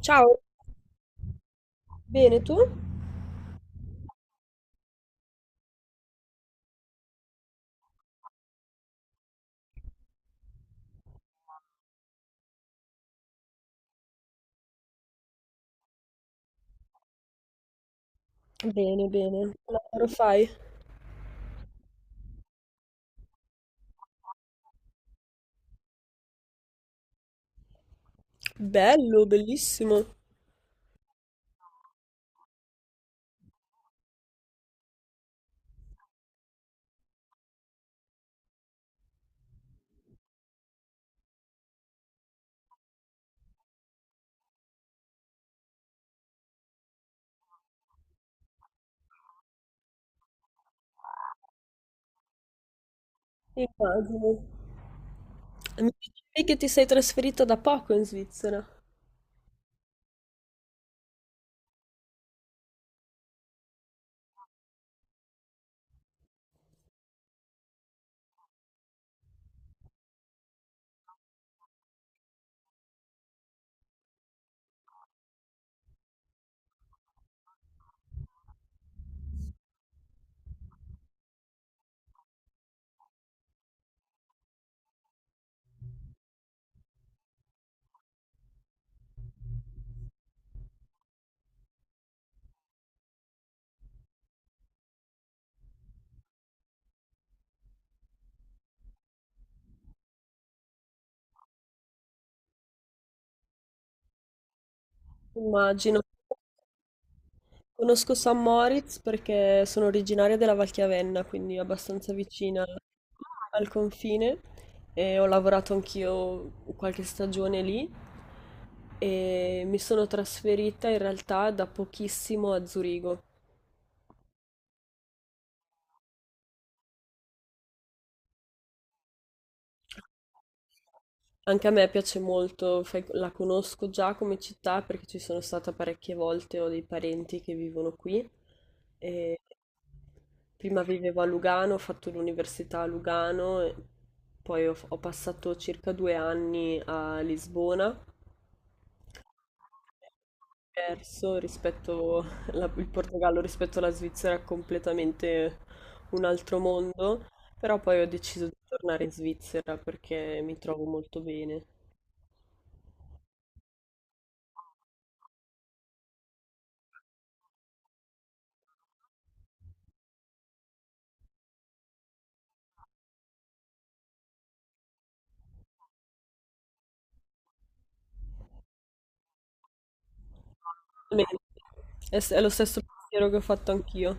Ciao, bene tu? Bene, bene. Che lavoro fai? Bello, bellissimo. Immagino. Mi dicevi che ti sei trasferita da poco in Svizzera. Immagino. Conosco San Moritz perché sono originaria della Valchiavenna, quindi abbastanza vicina al confine e ho lavorato anch'io qualche stagione lì e mi sono trasferita in realtà da pochissimo a Zurigo. Anche a me piace molto, la conosco già come città perché ci sono stata parecchie volte, ho dei parenti che vivono qui. E prima vivevo a Lugano, ho fatto l'università a Lugano, e poi ho passato circa 2 anni a Lisbona. Perso rispetto il Portogallo rispetto alla Svizzera è completamente un altro mondo, però poi ho deciso di tornare in Svizzera perché mi trovo molto bene. Bene. È lo stesso pensiero che ho fatto anch'io.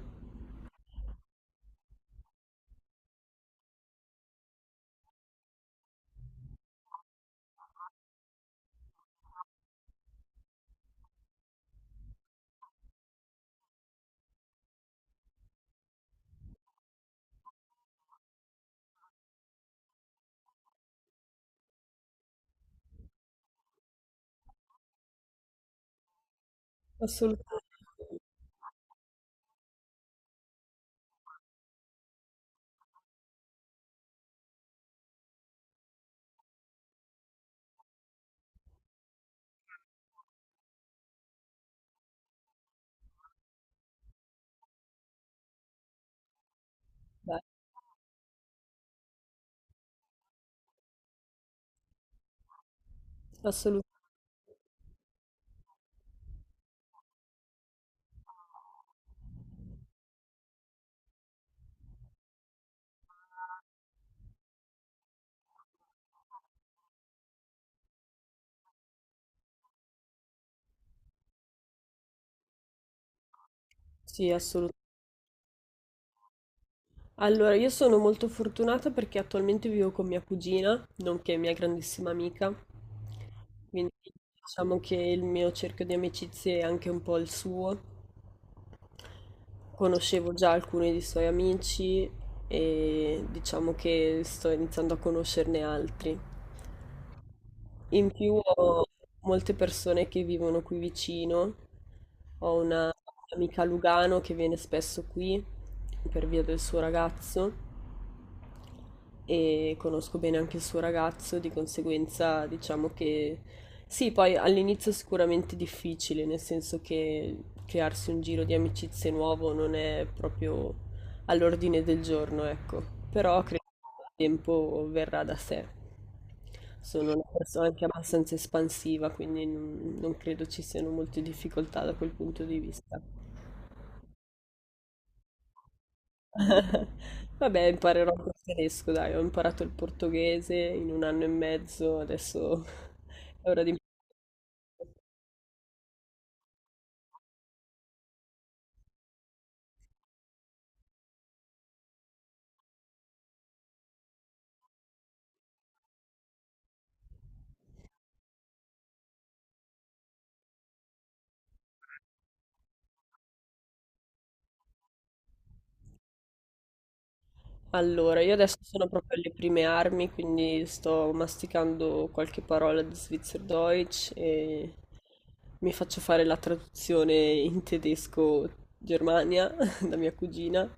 Assolutamente. Beh, assolut- sì, assolutamente. Allora, io sono molto fortunata perché attualmente vivo con mia cugina, nonché mia grandissima amica, quindi diciamo che il mio cerchio di amicizie è anche un po' il suo. Conoscevo già alcuni dei suoi amici e diciamo che sto iniziando a conoscerne altri. In più ho molte persone che vivono qui vicino, ho una amica a Lugano che viene spesso qui per via del suo ragazzo e conosco bene anche il suo ragazzo, di conseguenza diciamo che sì, poi all'inizio è sicuramente difficile, nel senso che crearsi un giro di amicizie nuovo non è proprio all'ordine del giorno, ecco, però credo che il tempo verrà da sé. Sono una persona anche abbastanza espansiva, quindi non credo ci siano molte difficoltà da quel punto di vista. Vabbè, imparerò anche il tedesco, dai, ho imparato il portoghese in un anno e mezzo, adesso è ora di imparare. Allora, io adesso sono proprio alle prime armi, quindi sto masticando qualche parola di Schweizerdeutsch e mi faccio fare la traduzione in tedesco Germania da mia cugina.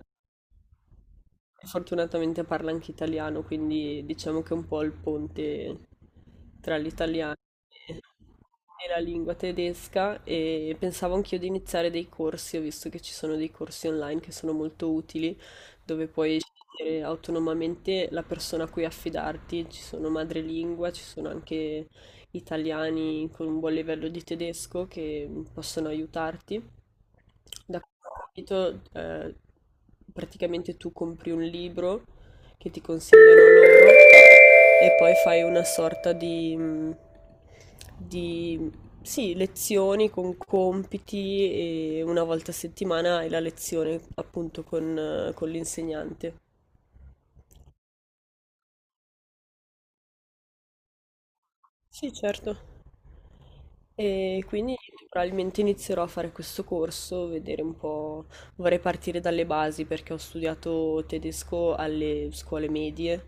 Fortunatamente parla anche italiano, quindi diciamo che è un po' il ponte tra l'italiano e la lingua tedesca e pensavo anch'io di iniziare dei corsi, ho visto che ci sono dei corsi online che sono molto utili, dove puoi scegliere autonomamente la persona a cui affidarti, ci sono madrelingua, ci sono anche italiani con un buon livello di tedesco che possono aiutarti. Da questo capito, praticamente tu compri un libro che ti consigliano loro e poi fai una sorta di sì, lezioni con compiti e una volta a settimana hai la lezione appunto con l'insegnante. Sì, certo. E quindi probabilmente inizierò a fare questo corso, vedere un po'. Vorrei partire dalle basi perché ho studiato tedesco alle scuole medie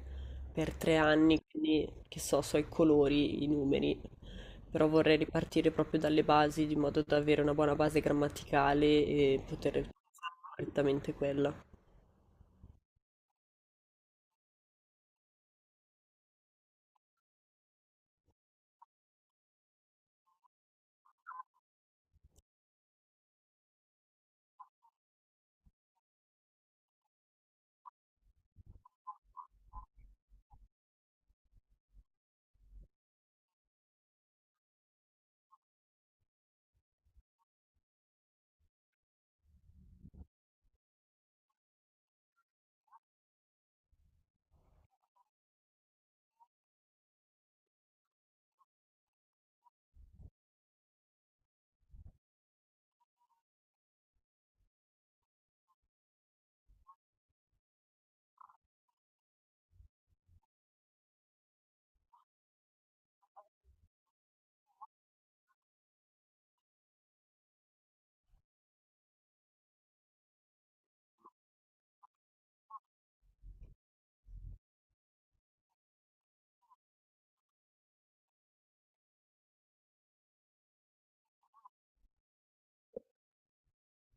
per 3 anni, quindi che so, so i colori, i numeri, però vorrei ripartire proprio dalle basi di modo da avere una buona base grammaticale e poter fare correttamente quella.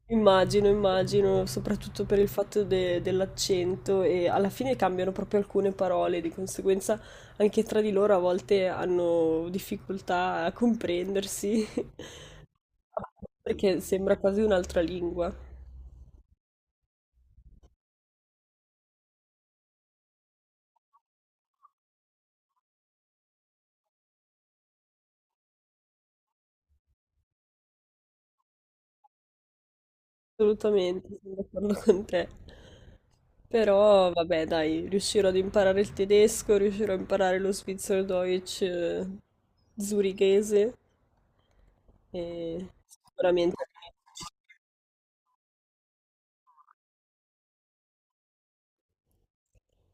Immagino, immagino, soprattutto per il fatto de dell'accento e alla fine cambiano proprio alcune parole, di conseguenza anche tra di loro a volte hanno difficoltà a comprendersi, perché sembra quasi un'altra lingua. Assolutamente, sono d'accordo con te. Però vabbè, dai, riuscirò ad imparare il tedesco, riuscirò a imparare lo Schweizerdeutsch, zurichese e sicuramente...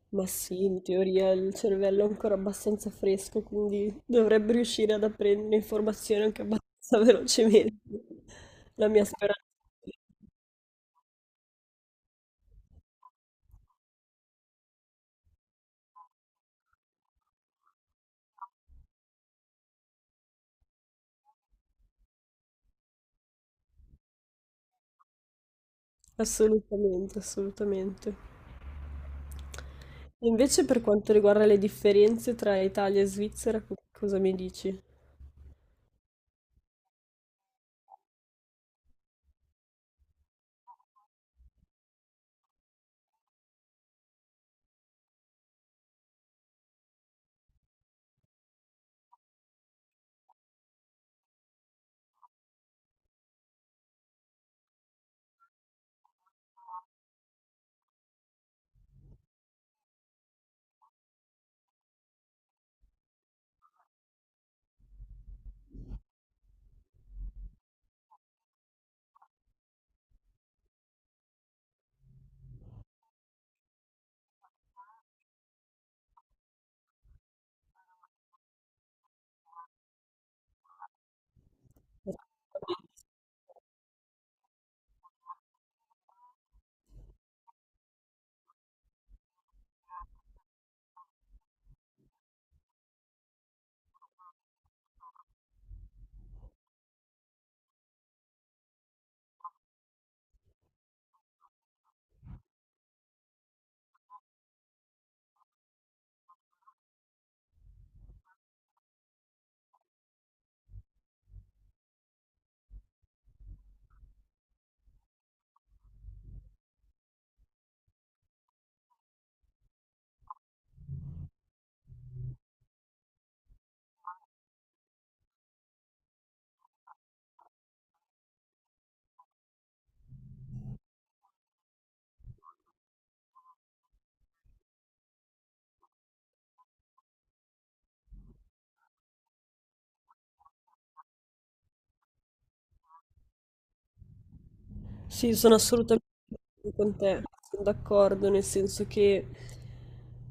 Ma sì, in teoria il cervello è ancora abbastanza fresco, quindi dovrebbe riuscire ad apprendere informazioni anche abbastanza velocemente. La mia speranza. Assolutamente, assolutamente. Invece per quanto riguarda le differenze tra Italia e Svizzera, cosa mi dici? Sì, sono assolutamente con te, sono d'accordo, nel senso che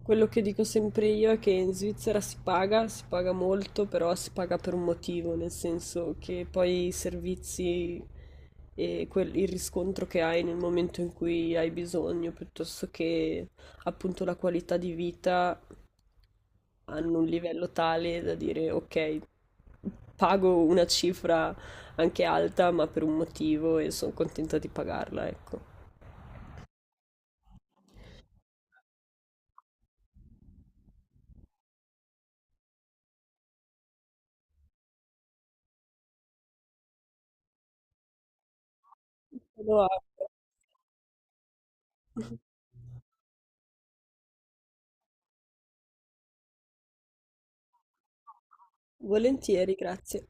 quello che dico sempre io è che in Svizzera si paga molto, però si paga per un motivo, nel senso che poi i servizi e il riscontro che hai nel momento in cui hai bisogno, piuttosto che appunto la qualità di vita, hanno un livello tale da dire ok, pago una cifra anche alta, ma per un motivo e sono contenta di pagarla, ecco. Lo apro. Volentieri, grazie.